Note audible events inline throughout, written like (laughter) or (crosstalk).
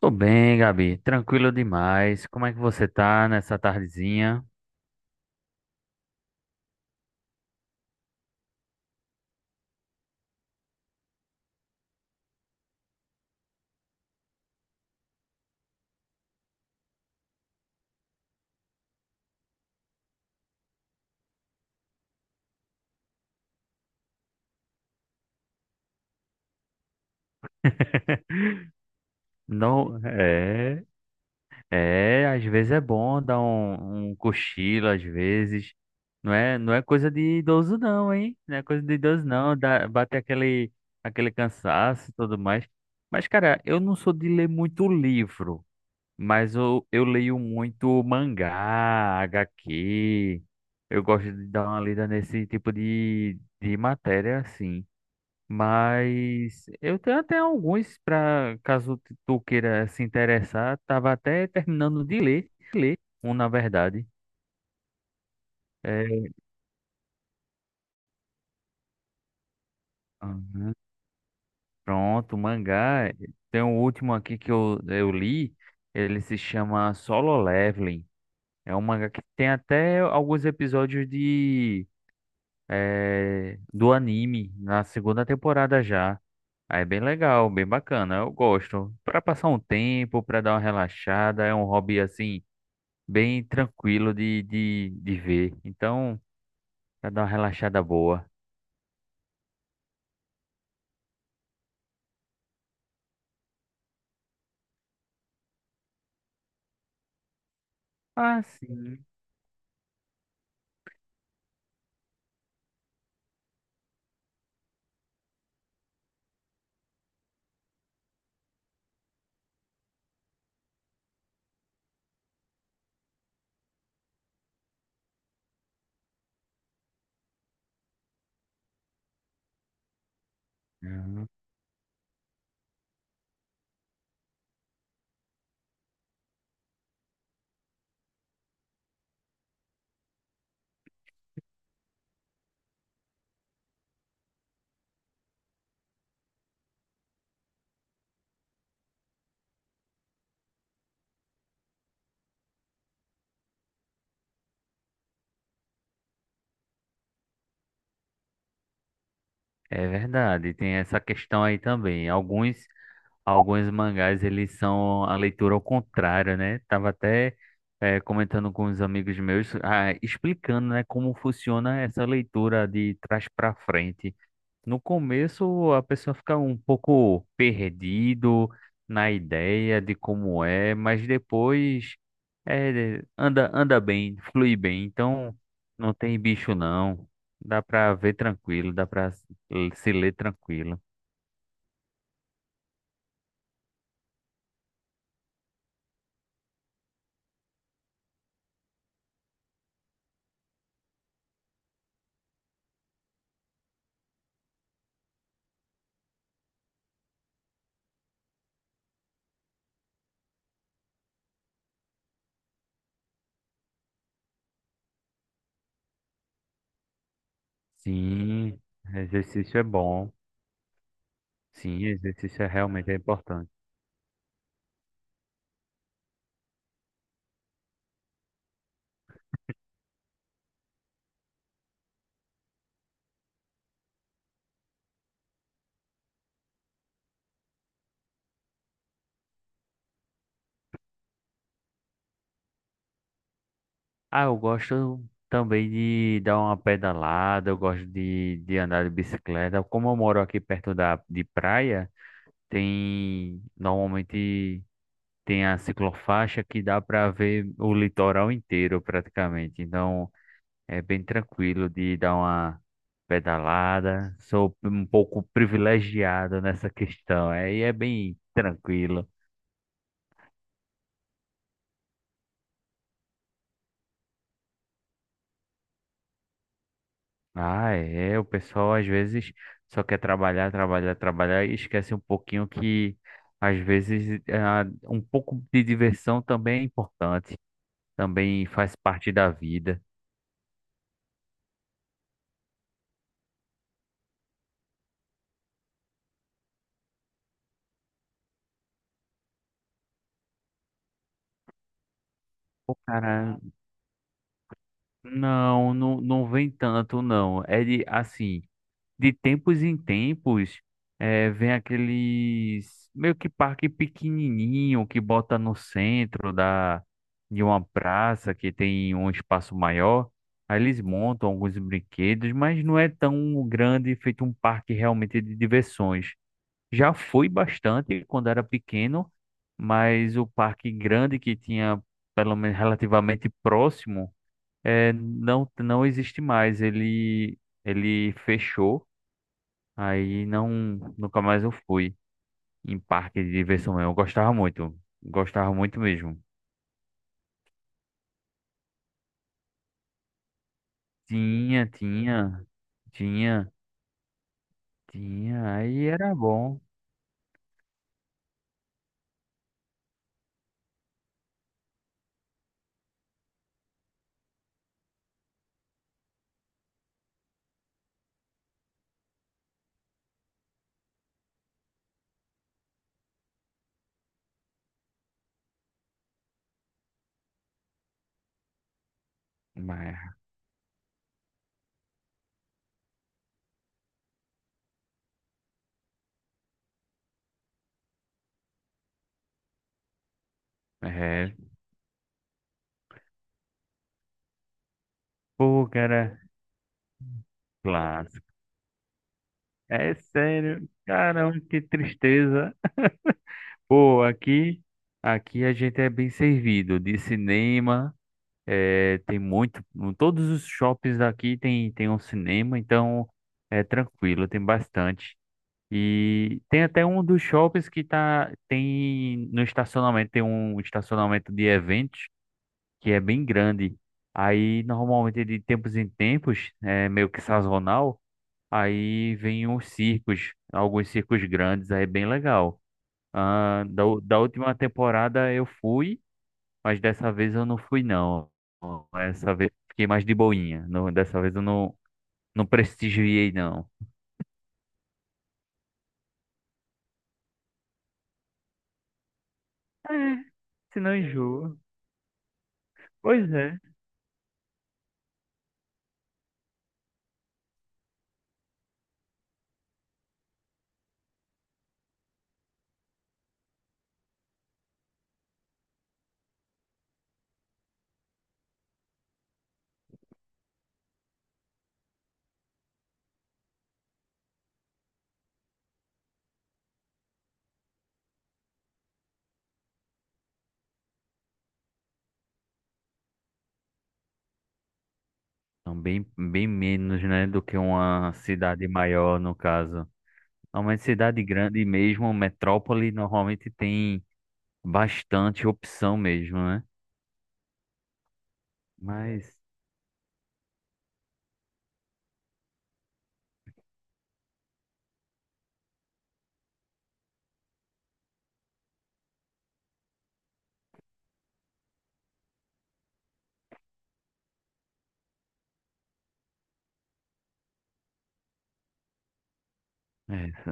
Tô bem, Gabi. Tranquilo demais. Como é que você tá nessa tardezinha? Não, é, é, às vezes é bom dar um cochilo, às vezes. Não é coisa de idoso não, hein? Não é coisa de idoso não, dá, aquele cansaço e tudo mais. Mas, cara, eu não sou de ler muito livro, mas eu leio muito mangá, HQ. Eu gosto de dar uma lida nesse de matéria, assim. Mas eu tenho até alguns para caso tu queira se interessar. Tava até terminando de ler, um na verdade. É, aham, pronto, mangá. Tem um último aqui que eu li. Ele se chama Solo Leveling. É um mangá que tem até alguns episódios de do anime na segunda temporada já. Aí é bem legal, bem bacana. Eu gosto. Para passar um tempo, para dar uma relaxada, é um hobby assim bem tranquilo de, de ver. Então, pra dar uma relaxada boa. Ah, sim. Uhum. É verdade, tem essa questão aí também. Alguns mangás, eles são a leitura ao contrário, né? Tava até comentando com os amigos meus, ah, explicando, né, como funciona essa leitura de trás para frente. No começo, a pessoa fica um pouco perdido na ideia de como é, mas depois é, anda bem, flui bem. Então, não tem bicho não. Dá pra ver tranquilo, dá pra se ler tranquilo. Sim, exercício é bom. Sim, exercício é realmente é importante. Ah, eu gosto também de dar uma pedalada, eu gosto de andar de bicicleta. Como eu moro de praia. Tem, normalmente tem a ciclofaixa que dá para ver o litoral inteiro praticamente. Então é bem tranquilo de dar uma pedalada. Sou um pouco privilegiado (laughs) nessa questão. Aí é bem tranquilo. Ah, é, o pessoal às vezes só quer trabalhar e esquece um pouquinho que às vezes ah, um pouco de diversão também é importante, também faz parte da vida. Cara, não, não vem tanto, não. É de, assim, de tempos em tempos, é, vem aqueles meio que parque pequenininho que bota no centro da, de uma praça que tem um espaço maior. Aí eles montam alguns brinquedos, mas não é tão grande, feito um parque realmente de diversões. Já fui bastante quando era pequeno, mas o parque grande que tinha, pelo menos relativamente próximo. É, não existe mais. Ele fechou, aí não, nunca mais eu fui em parque de diversão. Eu gostava muito mesmo. Tinha, tinha, tinha, tinha, aí era bom. Mas, é, pô, cara, clássico. É sério, caramba, que tristeza. Pô, aqui a gente é bem servido de cinema. É, tem muito, em todos os shoppings aqui tem um cinema, então é tranquilo, tem bastante. E tem até um dos shoppings tem no estacionamento, tem um estacionamento de eventos que é bem grande. Aí normalmente de tempos em tempos, é meio que sazonal, aí vem uns circos, alguns circos grandes, aí é bem legal. Ah, da última temporada eu fui. Mas dessa vez eu não fui, não. Essa vez fiquei mais de boinha. Não, dessa vez eu não, não prestigiei, não. É, se não enjoa. Pois é. Então, bem, bem menos, né, do que uma cidade maior, no caso. Normalmente, cidade grande mesmo, metrópole, normalmente tem bastante opção mesmo, né? Mas, é,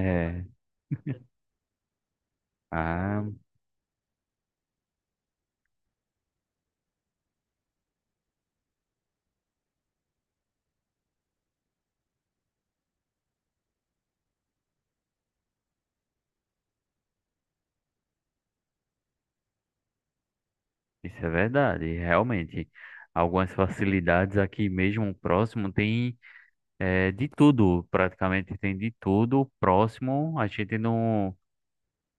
é. Ah, isso é verdade, realmente. Algumas facilidades aqui mesmo próximo tem, é, de tudo, praticamente tem de tudo. Próximo, a gente não,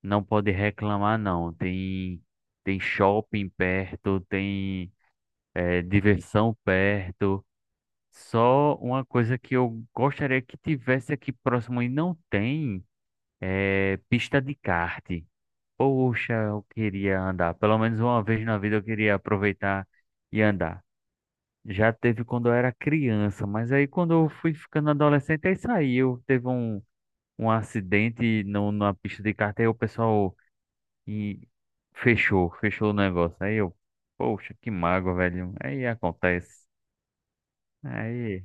não pode reclamar, não. Tem shopping perto, tem, é, diversão perto. Só uma coisa que eu gostaria que tivesse aqui próximo e não tem é pista de kart. Poxa, eu queria andar. Pelo menos uma vez na vida eu queria aproveitar e andar. Já teve quando eu era criança, mas aí quando eu fui ficando adolescente, aí saiu. Teve um acidente no, numa pista de kart, aí o pessoal e fechou o negócio. Aí eu, poxa, que mágoa, velho. Aí acontece. Aí,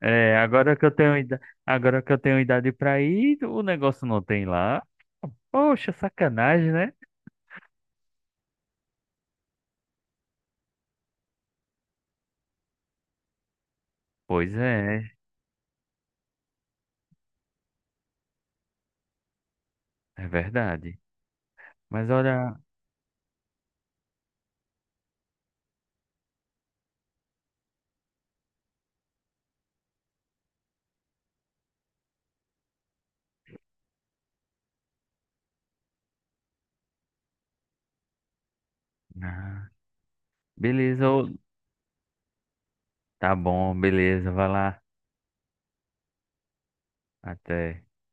é, agora que eu tenho idade pra ir, o negócio não tem lá. Poxa, sacanagem, né? Pois é, é verdade. Mas olha, ah, beleza, ô- tá bom, beleza, vai lá. Até.